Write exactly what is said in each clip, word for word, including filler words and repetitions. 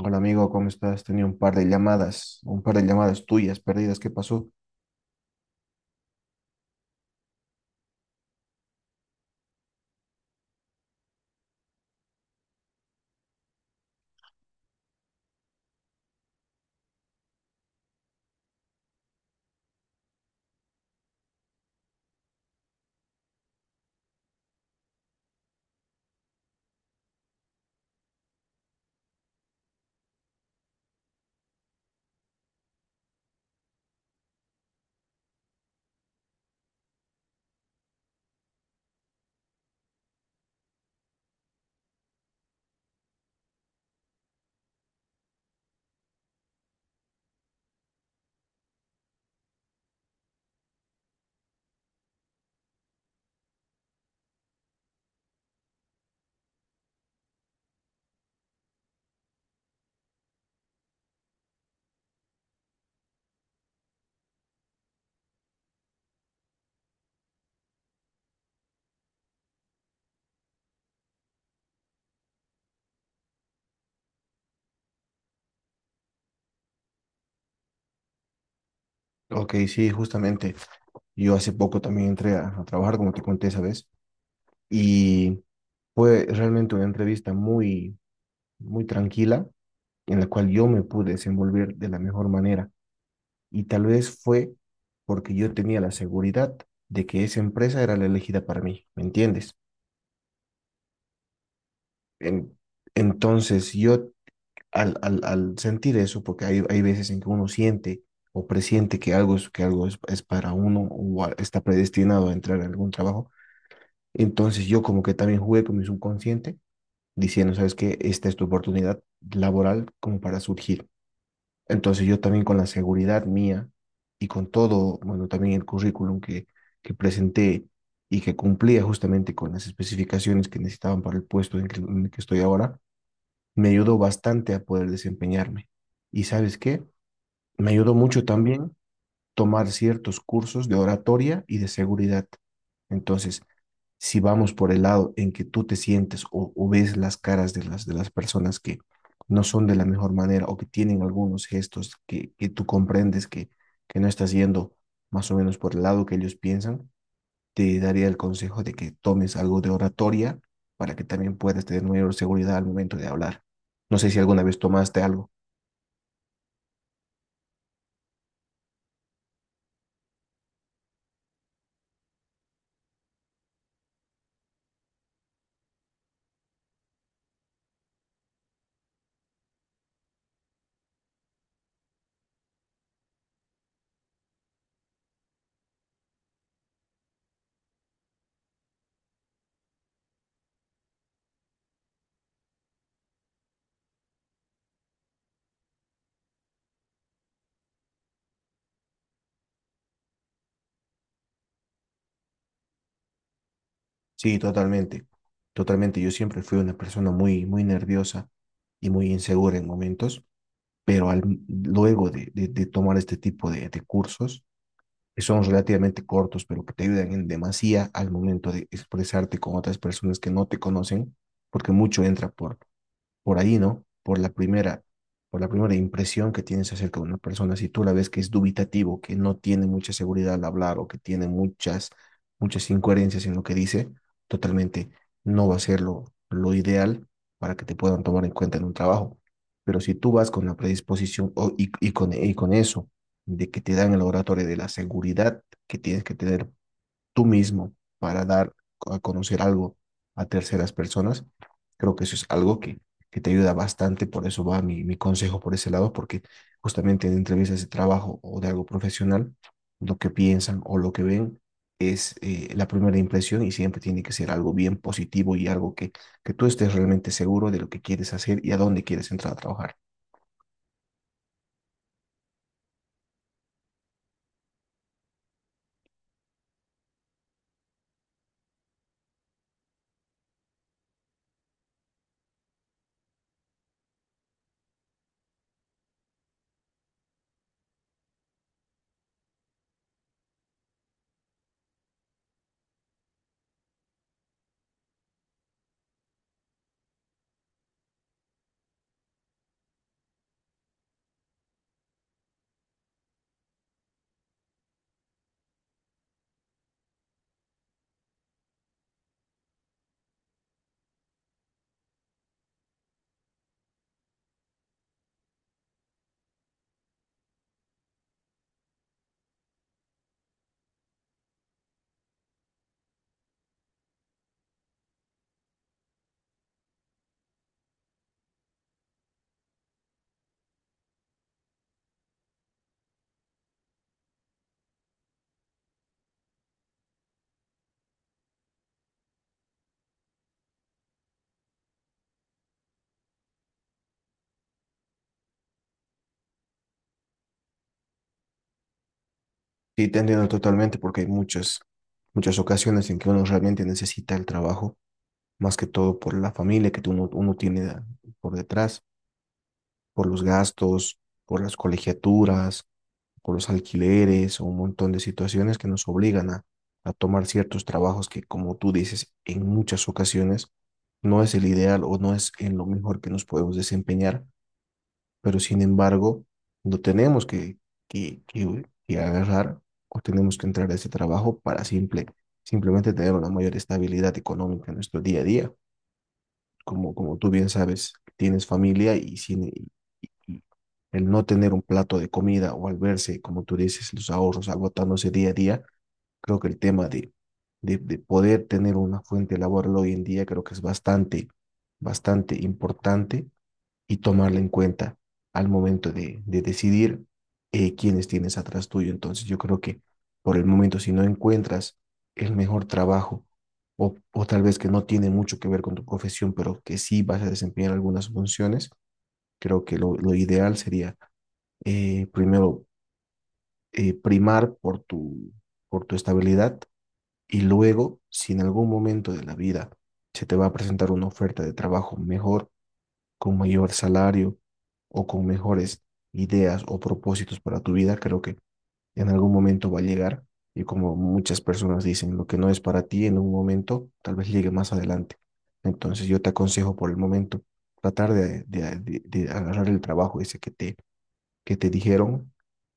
Hola amigo, ¿cómo estás? Tenía un par de llamadas, un par de llamadas tuyas perdidas. ¿Qué pasó? Ok, sí, justamente. Yo hace poco también entré a, a trabajar, como te conté esa vez, y fue realmente una entrevista muy, muy tranquila, en la cual yo me pude desenvolver de la mejor manera. Y tal vez fue porque yo tenía la seguridad de que esa empresa era la elegida para mí, ¿me entiendes? En- entonces yo al, al, al sentir eso, porque hay, hay veces en que uno siente o presiente que algo es, que algo es, es para uno o a- está predestinado a entrar en algún trabajo, entonces yo como que también jugué con mi subconsciente diciendo, ¿sabes qué? Esta es tu oportunidad laboral como para surgir. Entonces yo también con la seguridad mía y con todo, bueno, también el currículum que, que presenté y que cumplía justamente con las especificaciones que necesitaban para el puesto en que- en el que estoy ahora, me ayudó bastante a poder desempeñarme. ¿Y sabes qué? Me ayudó mucho también tomar ciertos cursos de oratoria y de seguridad. Entonces, si vamos por el lado en que tú te sientes o, o ves las caras de las, de las personas que no son de la mejor manera o que tienen algunos gestos que, que tú comprendes que, que no estás yendo más o menos por el lado que ellos piensan, te daría el consejo de que tomes algo de oratoria para que también puedas tener mayor seguridad al momento de hablar. No sé si alguna vez tomaste algo. Sí, totalmente. Totalmente. Yo siempre fui una persona muy, muy nerviosa y muy insegura en momentos, pero al, luego de, de, de tomar este tipo de, de cursos, que son relativamente cortos, pero que te ayudan en demasía al momento de expresarte con otras personas que no te conocen, porque mucho entra por por ahí, ¿no? Por la primera, por la primera impresión que tienes acerca de una persona, si tú la ves que es dubitativo, que no tiene mucha seguridad al hablar o que tiene muchas, muchas incoherencias en lo que dice, totalmente no va a ser lo, lo ideal para que te puedan tomar en cuenta en un trabajo. Pero si tú vas con la predisposición o- y, y con, y con eso, de que te dan el laboratorio de la seguridad que tienes que tener tú mismo para dar a conocer algo a terceras personas, creo que eso es algo que, que te ayuda bastante, por eso va mi, mi consejo por ese lado, porque justamente en entrevistas de trabajo o de algo profesional, lo que piensan o lo que ven es eh, la primera impresión y siempre tiene que ser algo bien positivo y algo que, que tú estés realmente seguro de lo que quieres hacer y a dónde quieres entrar a trabajar. Sí, te entiendo totalmente porque hay muchas, muchas ocasiones en que uno realmente necesita el trabajo más que todo por la familia que uno, uno tiene por detrás, por los gastos, por las colegiaturas, por los alquileres o un montón de situaciones que nos obligan a, a tomar ciertos trabajos que, como tú dices, en muchas ocasiones no es el ideal o no es en lo mejor que nos podemos desempeñar, pero sin embargo, no tenemos que, que, que, que agarrar o tenemos que entrar a ese trabajo para simple, simplemente tener una mayor estabilidad económica en nuestro día a día como, como tú bien sabes, tienes familia y, sin, y- y el no tener un plato de comida o al verse, como tú dices, los ahorros agotándose día a día, creo que el tema de, de, de poder tener una fuente laboral hoy en día creo que es bastante, bastante importante y tomarla en cuenta al momento de, de decidir eh, quiénes tienes atrás tuyo. Entonces yo creo que por el momento, si no encuentras el mejor trabajo o, o tal vez que no tiene mucho que ver con tu profesión, pero que sí vas a desempeñar algunas funciones, creo que lo, lo ideal sería eh, primero, eh, primar por tu, por tu estabilidad y luego, si en algún momento de la vida se te va a presentar una oferta de trabajo mejor, con mayor salario o con mejores ideas o propósitos para tu vida, creo que en algún momento va a llegar. Y como muchas personas dicen, lo que no es para ti en un momento, tal vez llegue más adelante. Entonces yo te aconsejo por el momento tratar de, de- de- de agarrar el trabajo ese que te, que te dijeron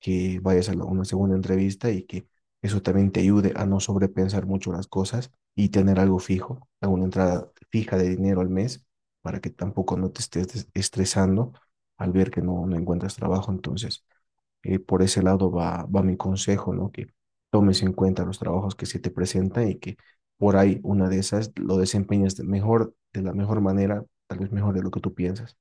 que vayas a la- una segunda entrevista y que eso también te ayude a no sobrepensar mucho las cosas y tener algo fijo, alguna entrada fija de dinero al mes para que tampoco no te estés des- estresando al ver que no, no encuentras trabajo. Entonces, eh, por ese lado va, va mi consejo, ¿no? Que tomes en cuenta los trabajos que se te presentan y que por ahí una de esas lo desempeñes de mejor, de la mejor manera, tal vez mejor de lo que tú piensas.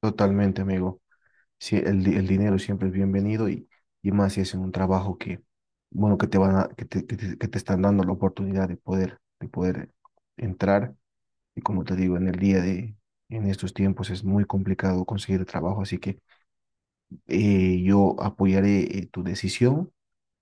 Totalmente, amigo. Sí, el, di- el dinero siempre es bienvenido y, y más si es en un trabajo que, bueno, que te van a, que te, que te, que te están dando la oportunidad de poder, de poder entrar. Y como te digo, en el día de, en estos tiempos es muy complicado conseguir trabajo, así que eh, yo apoyaré eh, tu decisión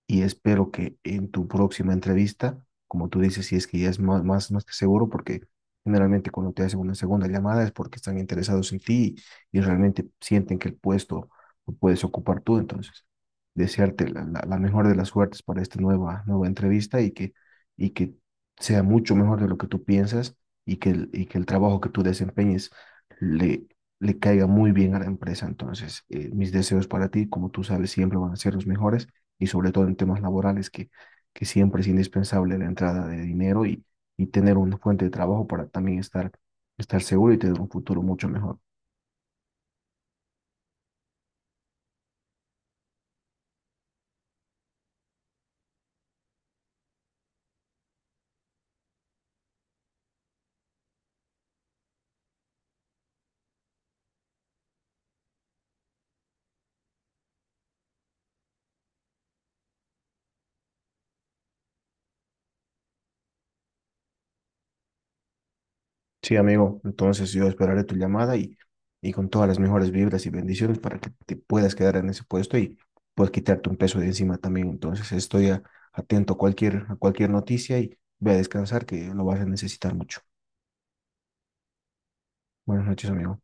y espero que en tu próxima entrevista, como tú dices, si es que ya es más, más, más que seguro, porque generalmente cuando te hacen una segunda llamada es porque están interesados en ti y, realmente sienten que el puesto lo puedes ocupar tú. Entonces, desearte la, la, la mejor de las suertes para esta nueva, nueva entrevista y que, y que sea mucho mejor de lo que tú piensas y que el, y que el trabajo que tú desempeñes le, le caiga muy bien a la empresa. Entonces, eh, mis deseos para ti, como tú sabes, siempre van a ser los mejores y sobre todo en temas laborales, que, que siempre es indispensable la entrada de dinero y, y tener una fuente de trabajo para también estar, estar seguro y tener un futuro mucho mejor. Sí, amigo, entonces yo esperaré tu llamada y, y con todas las mejores vibras y bendiciones para que te puedas quedar en ese puesto y puedas quitarte un peso de encima también. Entonces estoy a- atento a cualquier, a cualquier noticia y ve a descansar que lo vas a necesitar mucho. Buenas noches, amigo.